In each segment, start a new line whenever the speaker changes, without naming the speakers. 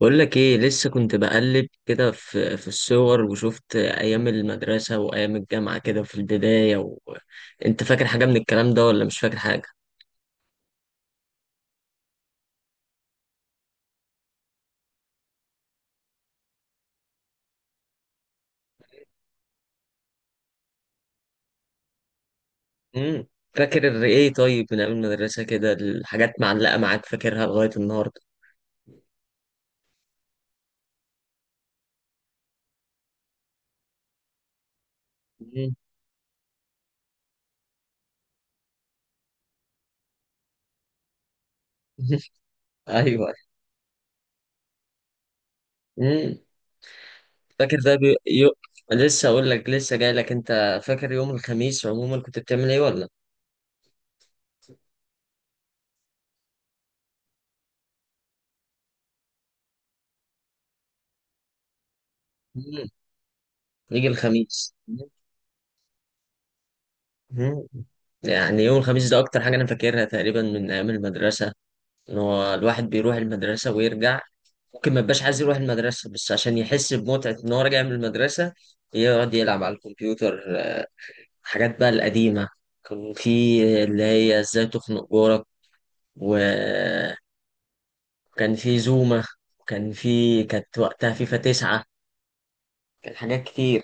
بقول لك ايه، لسه كنت بقلب كده في الصور، وشفت ايام المدرسة وايام الجامعة كده في البداية. انت فاكر حاجة من الكلام ده ولا مش فاكر حاجة؟ امم فاكر ايه؟ طيب، من ايام المدرسة كده الحاجات معلقة معاك فاكرها لغاية النهاردة؟ مم. ايوه. امم فاكر ده بي... يو... لسه اقول لك، لسه جاي لك. انت فاكر يوم الخميس عموما كنت بتعمل ايه ولا؟ مم. يجي الخميس. مم. يعني يوم الخميس ده اكتر حاجة انا فاكرها تقريبا من ايام المدرسة. ان هو الواحد بيروح المدرسة ويرجع، ممكن ما يبقاش عايز يروح المدرسة بس عشان يحس بمتعة ان هو راجع من المدرسة، يقعد يلعب على الكمبيوتر. حاجات بقى القديمة. كان في اللي هي ازاي تخنق جارك، وكان في زوما، وكان في كانت وقتها فيفا 9. كان حاجات كتير.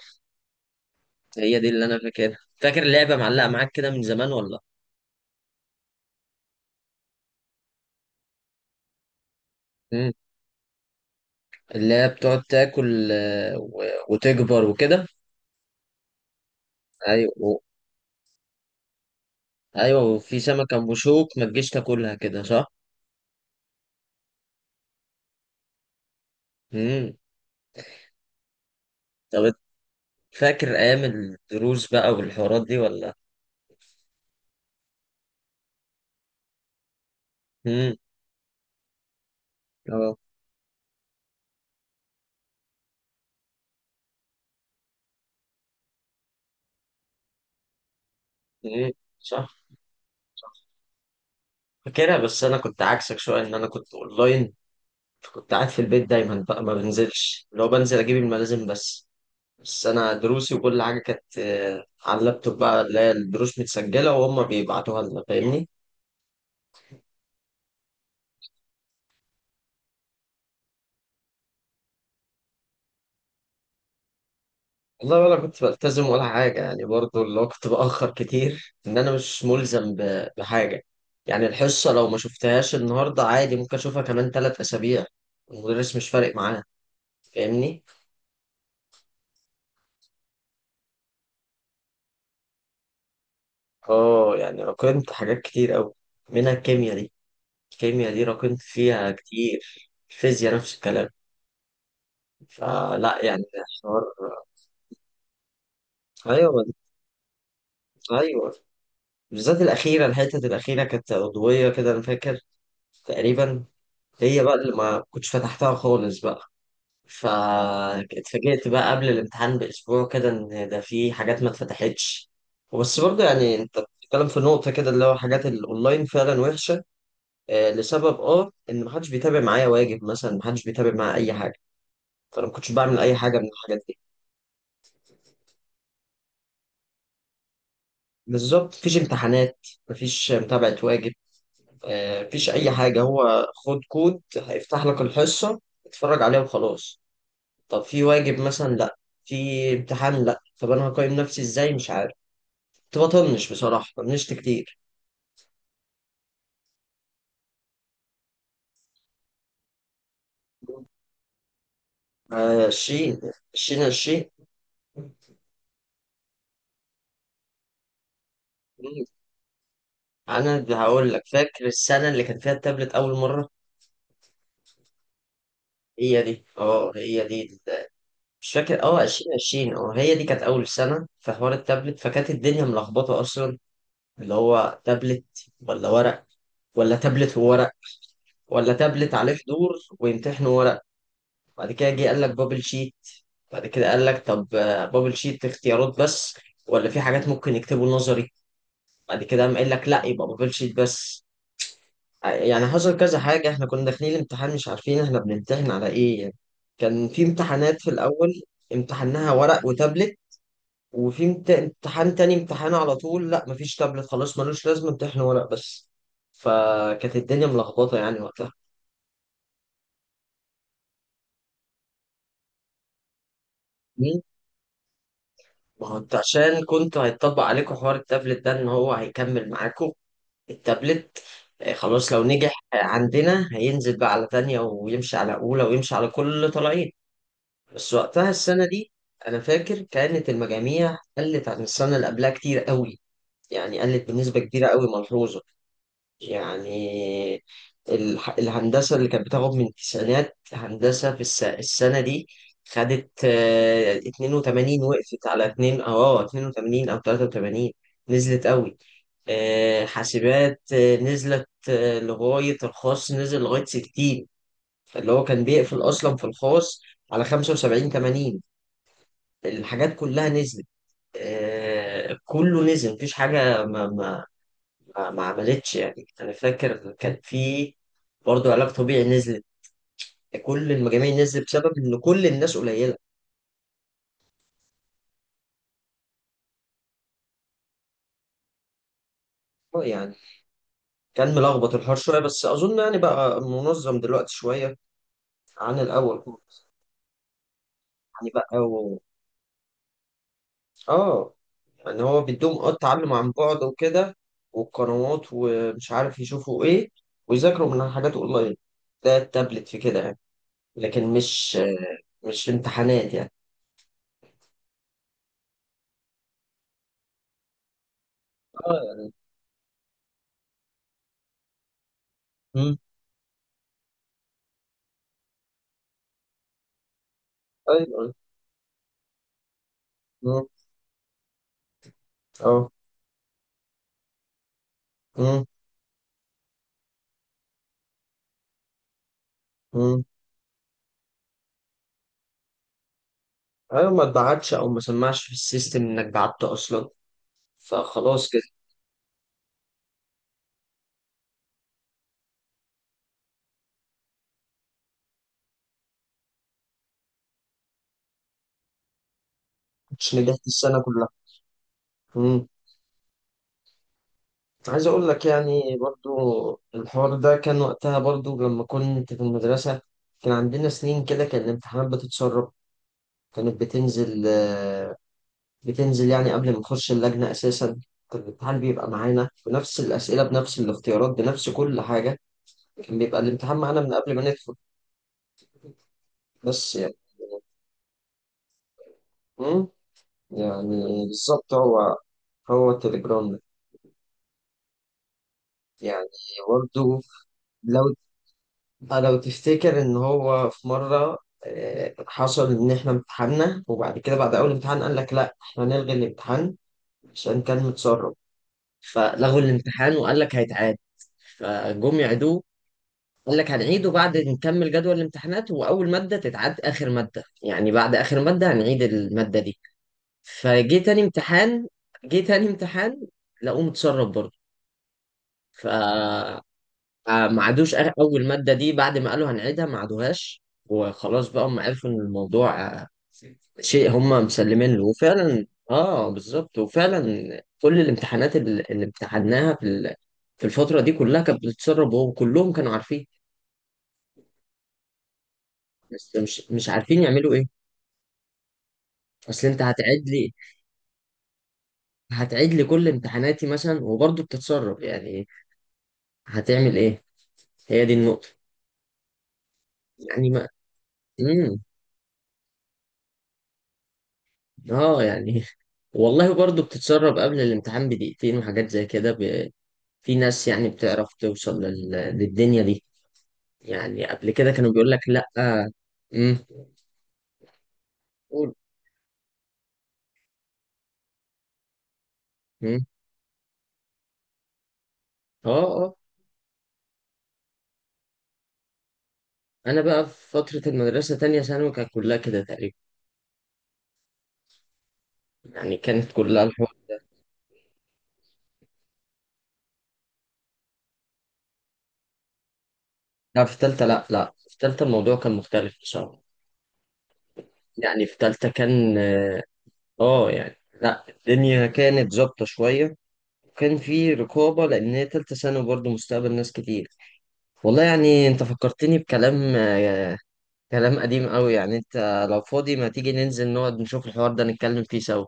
هي دي اللي انا فاكرها. فاكر اللعبة معلقة معاك كده من زمان ولا؟ مم. اللي هي بتقعد تاكل، وتكبر وكده. ايوه، ايوه، وفي سمكة ام بشوك ما تجيش تاكلها كده صح؟ امم طب فاكر ايام الدروس بقى والحوارات دي ولا؟ امم، اه، امم، صح. فاكرها، بس انا كنت عكسك شوية ان انا كنت اونلاين. كنت قاعد في البيت دايما بقى، ما بنزلش، لو بنزل اجيب الملازم بس. بس انا دروسي وكل حاجة كانت، على اللابتوب بقى، اللي هي الدروس متسجلة وهم بيبعتوها لنا، فاهمني؟ والله ولا كنت بلتزم ولا حاجة، يعني برضو اللي هو كنت بأخر كتير إن أنا مش ملزم بحاجة. يعني الحصة لو ما شفتهاش النهاردة عادي، ممكن أشوفها كمان 3 أسابيع، المدرس مش فارق معاه، فاهمني؟ آه، يعني راكمت حاجات كتير أوي، منها الكيمياء دي. الكيمياء دي راكمت فيها كتير، الفيزياء نفس الكلام. فلا يعني. حوار. أيوه. أيوه، بالذات الأخيرة، الحتة الأخيرة كانت عضوية كده أنا فاكر تقريبا. هي بقى اللي ما كنتش فتحتها خالص بقى، فاتفاجئت بقى قبل الامتحان بأسبوع كده إن ده في حاجات ما اتفتحتش. بس برضه يعني أنت بتتكلم في نقطة كده، اللي هو حاجات الأونلاين فعلا وحشة. آه، لسبب أه إن محدش بيتابع معايا واجب مثلا، محدش بيتابع معايا أي حاجة، فأنا ما كنتش بعمل أي حاجة من الحاجات دي. بالظبط، مفيش امتحانات، مفيش متابعة واجب، آه مفيش أي حاجة، هو خد كود هيفتح لك الحصة، اتفرج عليها وخلاص. طب في واجب مثلا؟ لا. في امتحان؟ لا. طب انا هقيم نفسي ازاي؟ مش عارف. كنت بطنش بصراحه، طنشت كتير. 20. 20، عشرين. انا اللي هقول لك، فاكر السنه اللي كان فيها التابلت اول مره؟ هي دي. اه، هي دي. مش فاكر، 2020، اه هي دي كانت اول سنه في حوار التابلت، فكانت الدنيا ملخبطه اصلا. اللي هو تابلت ولا ورق، ولا تابلت وورق، ولا تابلت عليه حضور ويمتحنوا ورق. بعد كده جه قال لك بابل شيت، بعد كده قال لك طب، بابل شيت اختيارات بس، ولا في حاجات ممكن يكتبوا نظري. بعد كده قام قال لك لا، يبقى بابل شيت بس. يعني حصل كذا حاجة، احنا كنا داخلين الامتحان مش عارفين احنا بنمتحن على ايه يعني. كان في امتحانات في الأول امتحناها ورق وتابلت، وفي امتحان تاني، امتحان على طول لا مفيش تابلت خلاص ملوش لازمة، امتحن ورق بس. فكانت الدنيا ملخبطة يعني وقتها. ما هو انتوا عشان كنتوا هيتطبق عليكم حوار التابلت ده، ان هو هيكمل معاكم التابلت. خلاص، لو نجح عندنا هينزل بقى على تانية ويمشي على أولى ويمشي على كل اللي طالعين. بس وقتها السنة دي أنا فاكر كانت المجاميع قلت عن السنة اللي قبلها كتير قوي. يعني قلت بنسبة كبيرة قوي ملحوظة. يعني الهندسة اللي كانت بتاخد من التسعينات هندسة، في السنة دي خدت، 82، وقفت على 2، أو اه 82 أو 83. نزلت قوي. حاسبات نزلت لغاية الخاص نزل لغاية 60. فاللي هو كان بيقفل أصلا في الخاص على 75، 80. الحاجات كلها نزلت. كله نزل مفيش حاجة. ما عملتش، يعني انا فاكر كان في برضه علاج طبيعي نزلت. كل المجاميع نزلت بسبب ان كل الناس قليله. يعني كان ملخبط الحوار شويه، بس اظن يعني بقى منظم دلوقتي شويه عن الاول. يعني بقى. اه، يعني هو بيدوم اه التعلم عن بعد وكده، والقنوات ومش عارف يشوفوا ايه ويذاكروا من حاجات اونلاين، ده التابلت في كده يعني. لكن مش مش امتحانات يعني. اه يعني. مم. ايوه. أيوة. مم. اه. مم. مم. ايوه، ما اتبعتش او ما سمعش في السيستم انك بعت اصلا، فخلاص كده مش نجحت السنه كلها. امم، عايز اقول لك يعني برضو الحوار ده كان وقتها برضو لما كنت في المدرسه. كان عندنا سنين كده كان الامتحانات بتتسرب، كانت بتنزل، بتنزل يعني قبل ما نخش اللجنه اساسا. كان الامتحان بيبقى معانا بنفس الاسئله بنفس الاختيارات بنفس كل حاجه، كان بيبقى الامتحان معانا من قبل ما ندخل. بس يعني. امم. يعني بالظبط هو. هو التليجرام. يعني برضه، لو لو تفتكر ان هو في مرة، حصل ان احنا امتحنا، وبعد كده بعد اول امتحان قال لك لا احنا هنلغي الامتحان عشان كان متسرب. فلغوا الامتحان وقال لك هيتعاد. فجم يعيدوه، قال لك هنعيده بعد نكمل جدول الامتحانات، واول ماده تتعاد اخر ماده، يعني بعد اخر ماده هنعيد الماده دي. فجه تاني امتحان، جه تاني امتحان، لقوه متسرب برضه. ف فما عادوش اول ماده دي، بعد ما قالوا هنعيدها ما عادوهاش وخلاص. بقى هم عرفوا ان الموضوع، شيء هم مسلمين له. وفعلا اه، بالظبط، وفعلا كل الامتحانات اللي امتحناها في في الفتره دي كلها كانت بتتسرب، وهو كلهم كانوا عارفين. بس مش عارفين يعملوا ايه. اصل انت هتعيد لي، هتعيد لي كل امتحاناتي مثلا وبرضه بتتسرب يعني، هتعمل ايه؟ هي دي النقطه. يعني ما. مم. اه يعني، والله برضو بتتسرب قبل الامتحان بدقيقتين وحاجات زي كده. في ناس يعني بتعرف توصل للدنيا دي. يعني قبل كده كانوا بيقول لك لا. امم. قول. امم. اه، اه. انا بقى في فترة المدرسة تانية ثانوي كانت كلها كده تقريبا، يعني كانت كلها الحوار. لا في تالتة، لا لا، في تالتة الموضوع كان مختلف بصراحة. يعني في تالتة كان اه يعني لا، الدنيا كانت ظابطة شوية، وكان في رقابة لأن هي تالتة ثانوي برضه مستقبل ناس كتير. والله يعني انت فكرتني بكلام، كلام قديم قوي. يعني انت لو فاضي ما تيجي ننزل نقعد نشوف الحوار ده نتكلم فيه سوا؟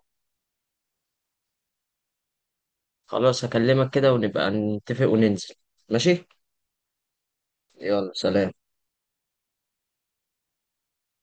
خلاص هكلمك كده ونبقى نتفق وننزل. ماشي. يلا سلام.